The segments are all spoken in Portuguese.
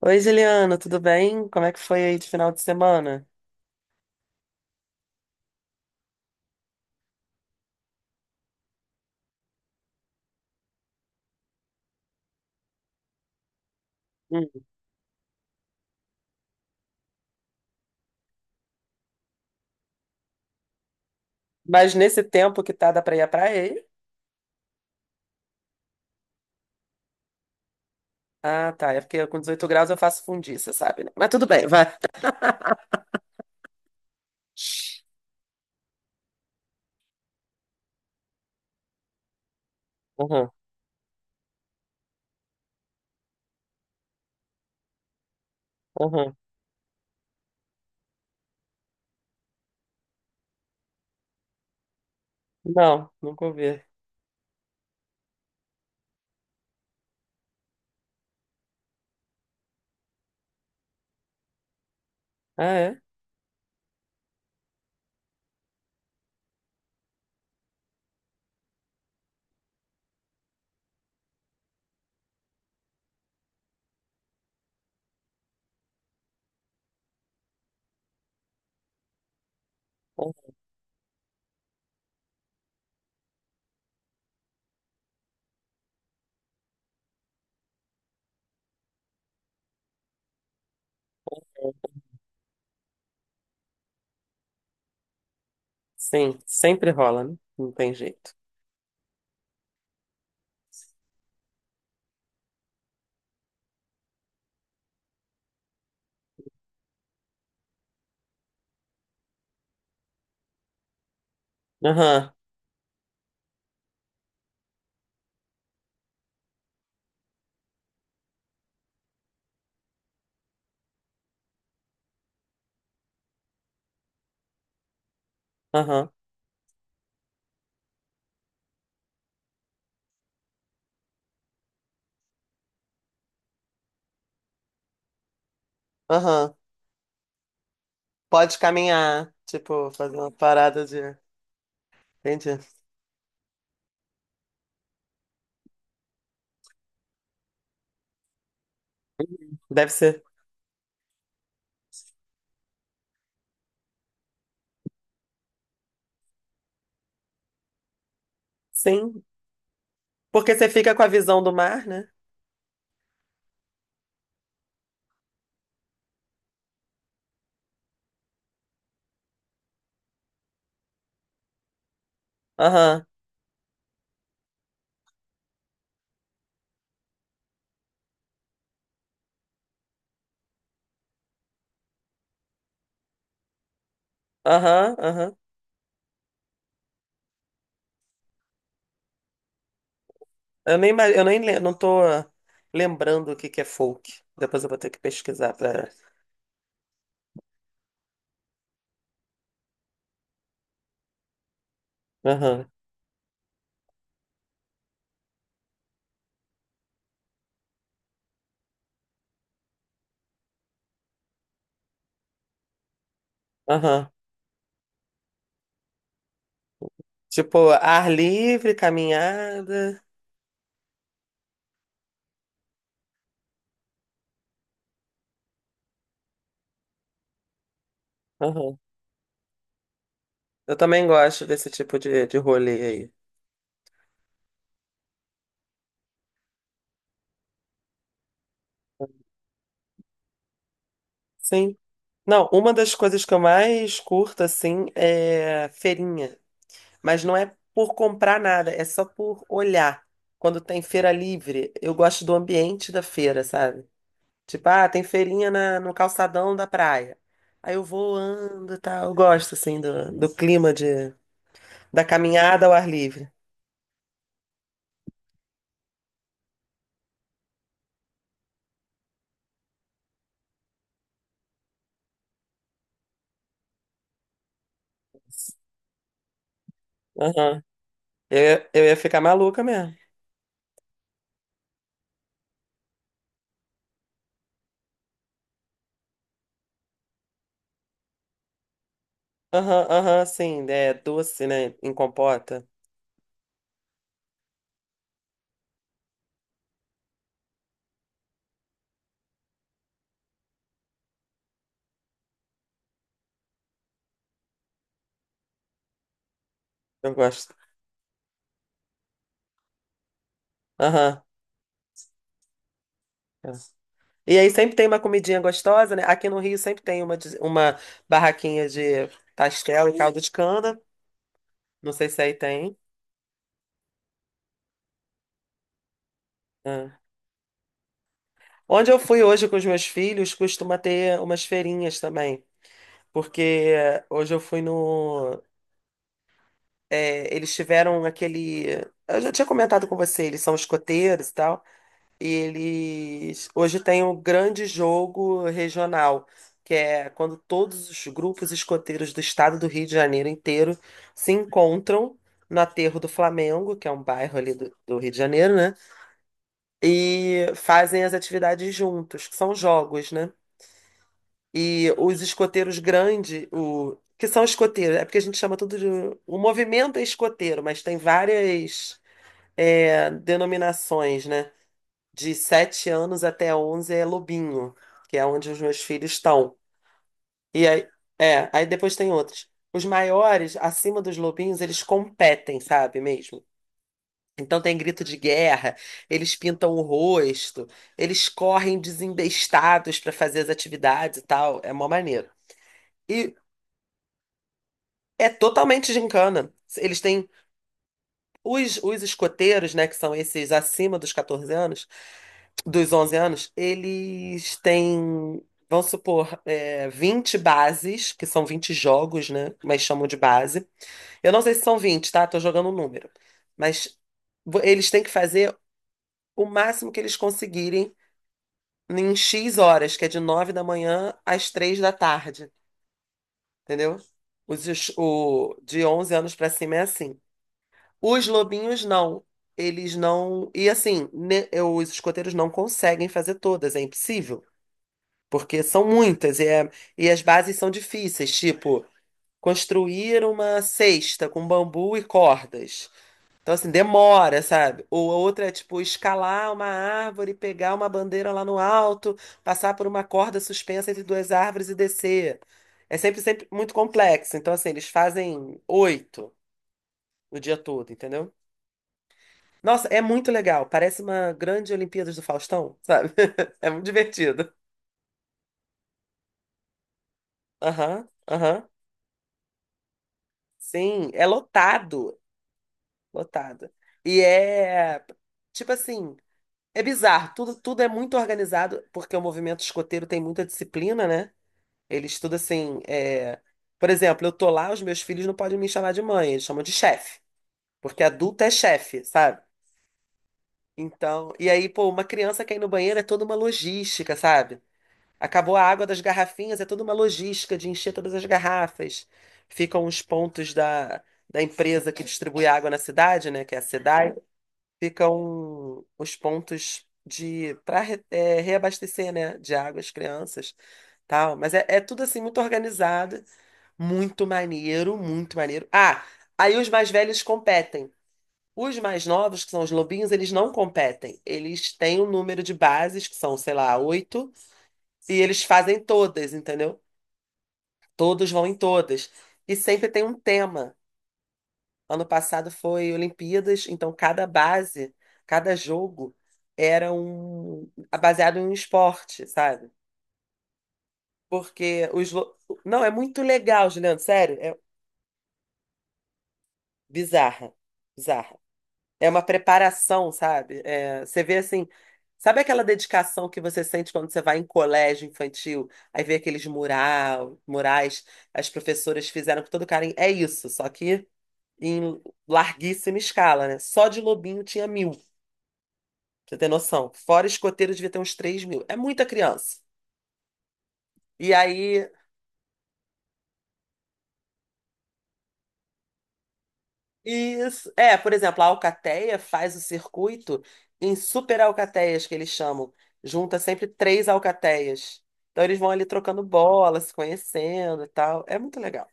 Oi, Juliana, tudo bem? Como é que foi aí de final de semana? Hum. Mas nesse tempo que tá, dá pra ir à praia aí? Ah, tá. É porque com 18 graus eu faço fundiça, sabe? Né? Mas tudo bem, vai. Aham, aham. Não, nunca ouvi. Ah, é? Aham. Sim, sempre rola, né? Não tem jeito. Aham, aham, aham. Pode caminhar, tipo, fazer uma parada de. Entendi. Uhum. Deve ser. Sim, porque você fica com a visão do mar, né? Aham, aham, aham. Eu nem, ima- eu nem lem- não tô lembrando o que que é folk. Depois eu vou ter que pesquisar pra. Aham, aham. Tipo, ar livre, caminhada. Aham. Eu também gosto desse tipo de rolê aí. Sim. Não, uma das coisas que eu mais curto, assim, é feirinha. Mas não é por comprar nada, é só por olhar. Quando tem feira livre, eu gosto do ambiente da feira, sabe? Tipo, ah, tem feirinha no calçadão da praia. Aí eu vou, ando e tal. Eu gosto, assim, do clima da caminhada ao ar livre. Aham. Eu ia ficar maluca mesmo. Aham, aham, sim. É doce, né? Em compota. Eu gosto. Aham. É. E aí sempre tem uma comidinha gostosa, né? Aqui no Rio sempre tem uma barraquinha de pastel e caldo de cana. Não sei se aí tem. É. Onde eu fui hoje com os meus filhos, costuma ter umas feirinhas também. Porque hoje eu fui no. Eles tiveram aquele. Eu já tinha comentado com você, eles são escoteiros e tal. E eles. Hoje tem um grande jogo regional, que é quando todos os grupos escoteiros do estado do Rio de Janeiro inteiro se encontram no Aterro do Flamengo, que é um bairro ali do Rio de Janeiro, né? E fazem as atividades juntos, que são jogos, né? E os escoteiros grandes, o que são escoteiros, é porque a gente chama tudo de. O movimento é escoteiro, mas tem várias denominações, né? De 7 anos até 11 é lobinho, que é onde os meus filhos estão. E aí, aí depois tem outros. Os maiores, acima dos lobinhos, eles competem, sabe mesmo? Então tem grito de guerra, eles pintam o rosto, eles correm desembestados para fazer as atividades e tal. É mó maneiro. E É totalmente gincana. Eles têm os escoteiros, né, que são esses acima dos 14 anos, dos 11 anos, eles têm, vamos supor, 20 bases, que são 20 jogos, né, mas chamam de base. Eu não sei se são 20, tá? Tô jogando um número. Mas eles têm que fazer o máximo que eles conseguirem em X horas, que é de 9 da manhã às 3 da tarde, entendeu? De 11 anos pra cima é assim. Os lobinhos não. Eles não. E assim, os escoteiros não conseguem fazer todas, é impossível. Porque são muitas e as bases são difíceis, tipo, construir uma cesta com bambu e cordas. Então, assim, demora, sabe? Ou a outra é, tipo, escalar uma árvore, pegar uma bandeira lá no alto, passar por uma corda suspensa entre duas árvores e descer. É sempre, sempre muito complexo. Então, assim, eles fazem oito no dia todo, entendeu? Nossa, é muito legal. Parece uma grande Olimpíadas do Faustão, sabe? É muito divertido. Aham, aham. Sim, é lotado, lotado. E é, tipo assim, é bizarro. Tudo, tudo é muito organizado, porque o movimento escoteiro tem muita disciplina, né? Ele estuda assim, é... Por exemplo, eu tô lá, os meus filhos não podem me chamar de mãe, eles chamam de chefe, porque adulto é chefe, sabe? Então, e aí, pô, uma criança cair no banheiro é toda uma logística, sabe? Acabou a água das garrafinhas, é toda uma logística de encher todas as garrafas. Ficam os pontos da empresa que distribui água na cidade, né, que é a SEDAI, ficam os pontos de para reabastecer, né, de água as crianças, tal. Mas é tudo assim muito organizado, muito maneiro, muito maneiro. Ah, aí os mais velhos competem. Os mais novos, que são os lobinhos, eles não competem. Eles têm um número de bases, que são, sei lá, oito e eles fazem todas, entendeu? Todos vão em todas. E sempre tem um tema. Ano passado foi Olimpíadas, então cada base, cada jogo era um baseado em um esporte, sabe? Porque os lo- não é muito legal, Juliano, sério, é bizarra, bizarra. É uma preparação, sabe? É, você vê assim, sabe aquela dedicação que você sente quando você vai em colégio infantil, aí vê aqueles murais, as professoras fizeram com todo carinho. É isso, só que em larguíssima escala, né? Só de Lobinho tinha 1.000, pra você ter noção. Fora escoteiro devia ter uns 3.000. É muita criança. E aí Isso. É, por exemplo, a alcateia faz o circuito em super alcateias, que eles chamam. Junta sempre três alcateias. Então eles vão ali trocando bola, se conhecendo e tal. É muito legal.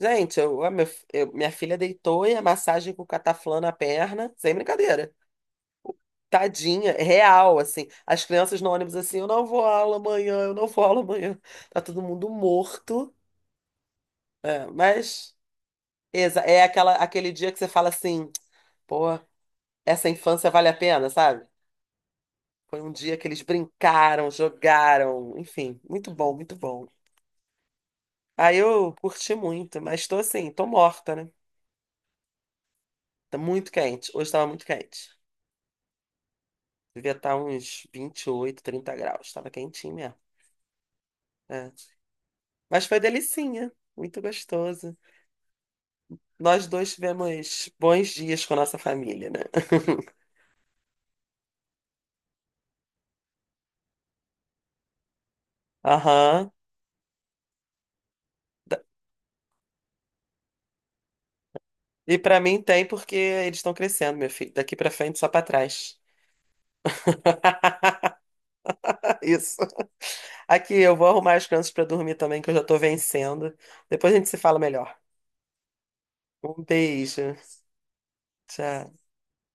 Gente, eu, a meu- eu- minha filha deitou e a massagem com cataflã na perna, sem brincadeira. Tadinha, é real, assim. As crianças no ônibus assim, eu não vou à aula amanhã, eu não vou à aula amanhã. Tá todo mundo morto. É, mas é aquele dia que você fala assim, pô, essa infância vale a pena, sabe? Foi um dia que eles brincaram, jogaram, enfim, muito bom, muito bom. Aí eu curti muito, mas tô assim, tô morta, né? Tá muito quente. Hoje tava muito quente. Devia estar uns 28, 30 graus. Tava quentinho mesmo. É. Mas foi delicinha, muito gostoso. Nós dois tivemos bons dias com a nossa família, né? Aham. Da- E pra mim tem porque eles estão crescendo, meu filho. Daqui pra frente, só pra trás. Isso. Aqui, eu vou arrumar as crianças pra dormir também, que eu já tô vencendo. Depois a gente se fala melhor. Um beijo. Tchau.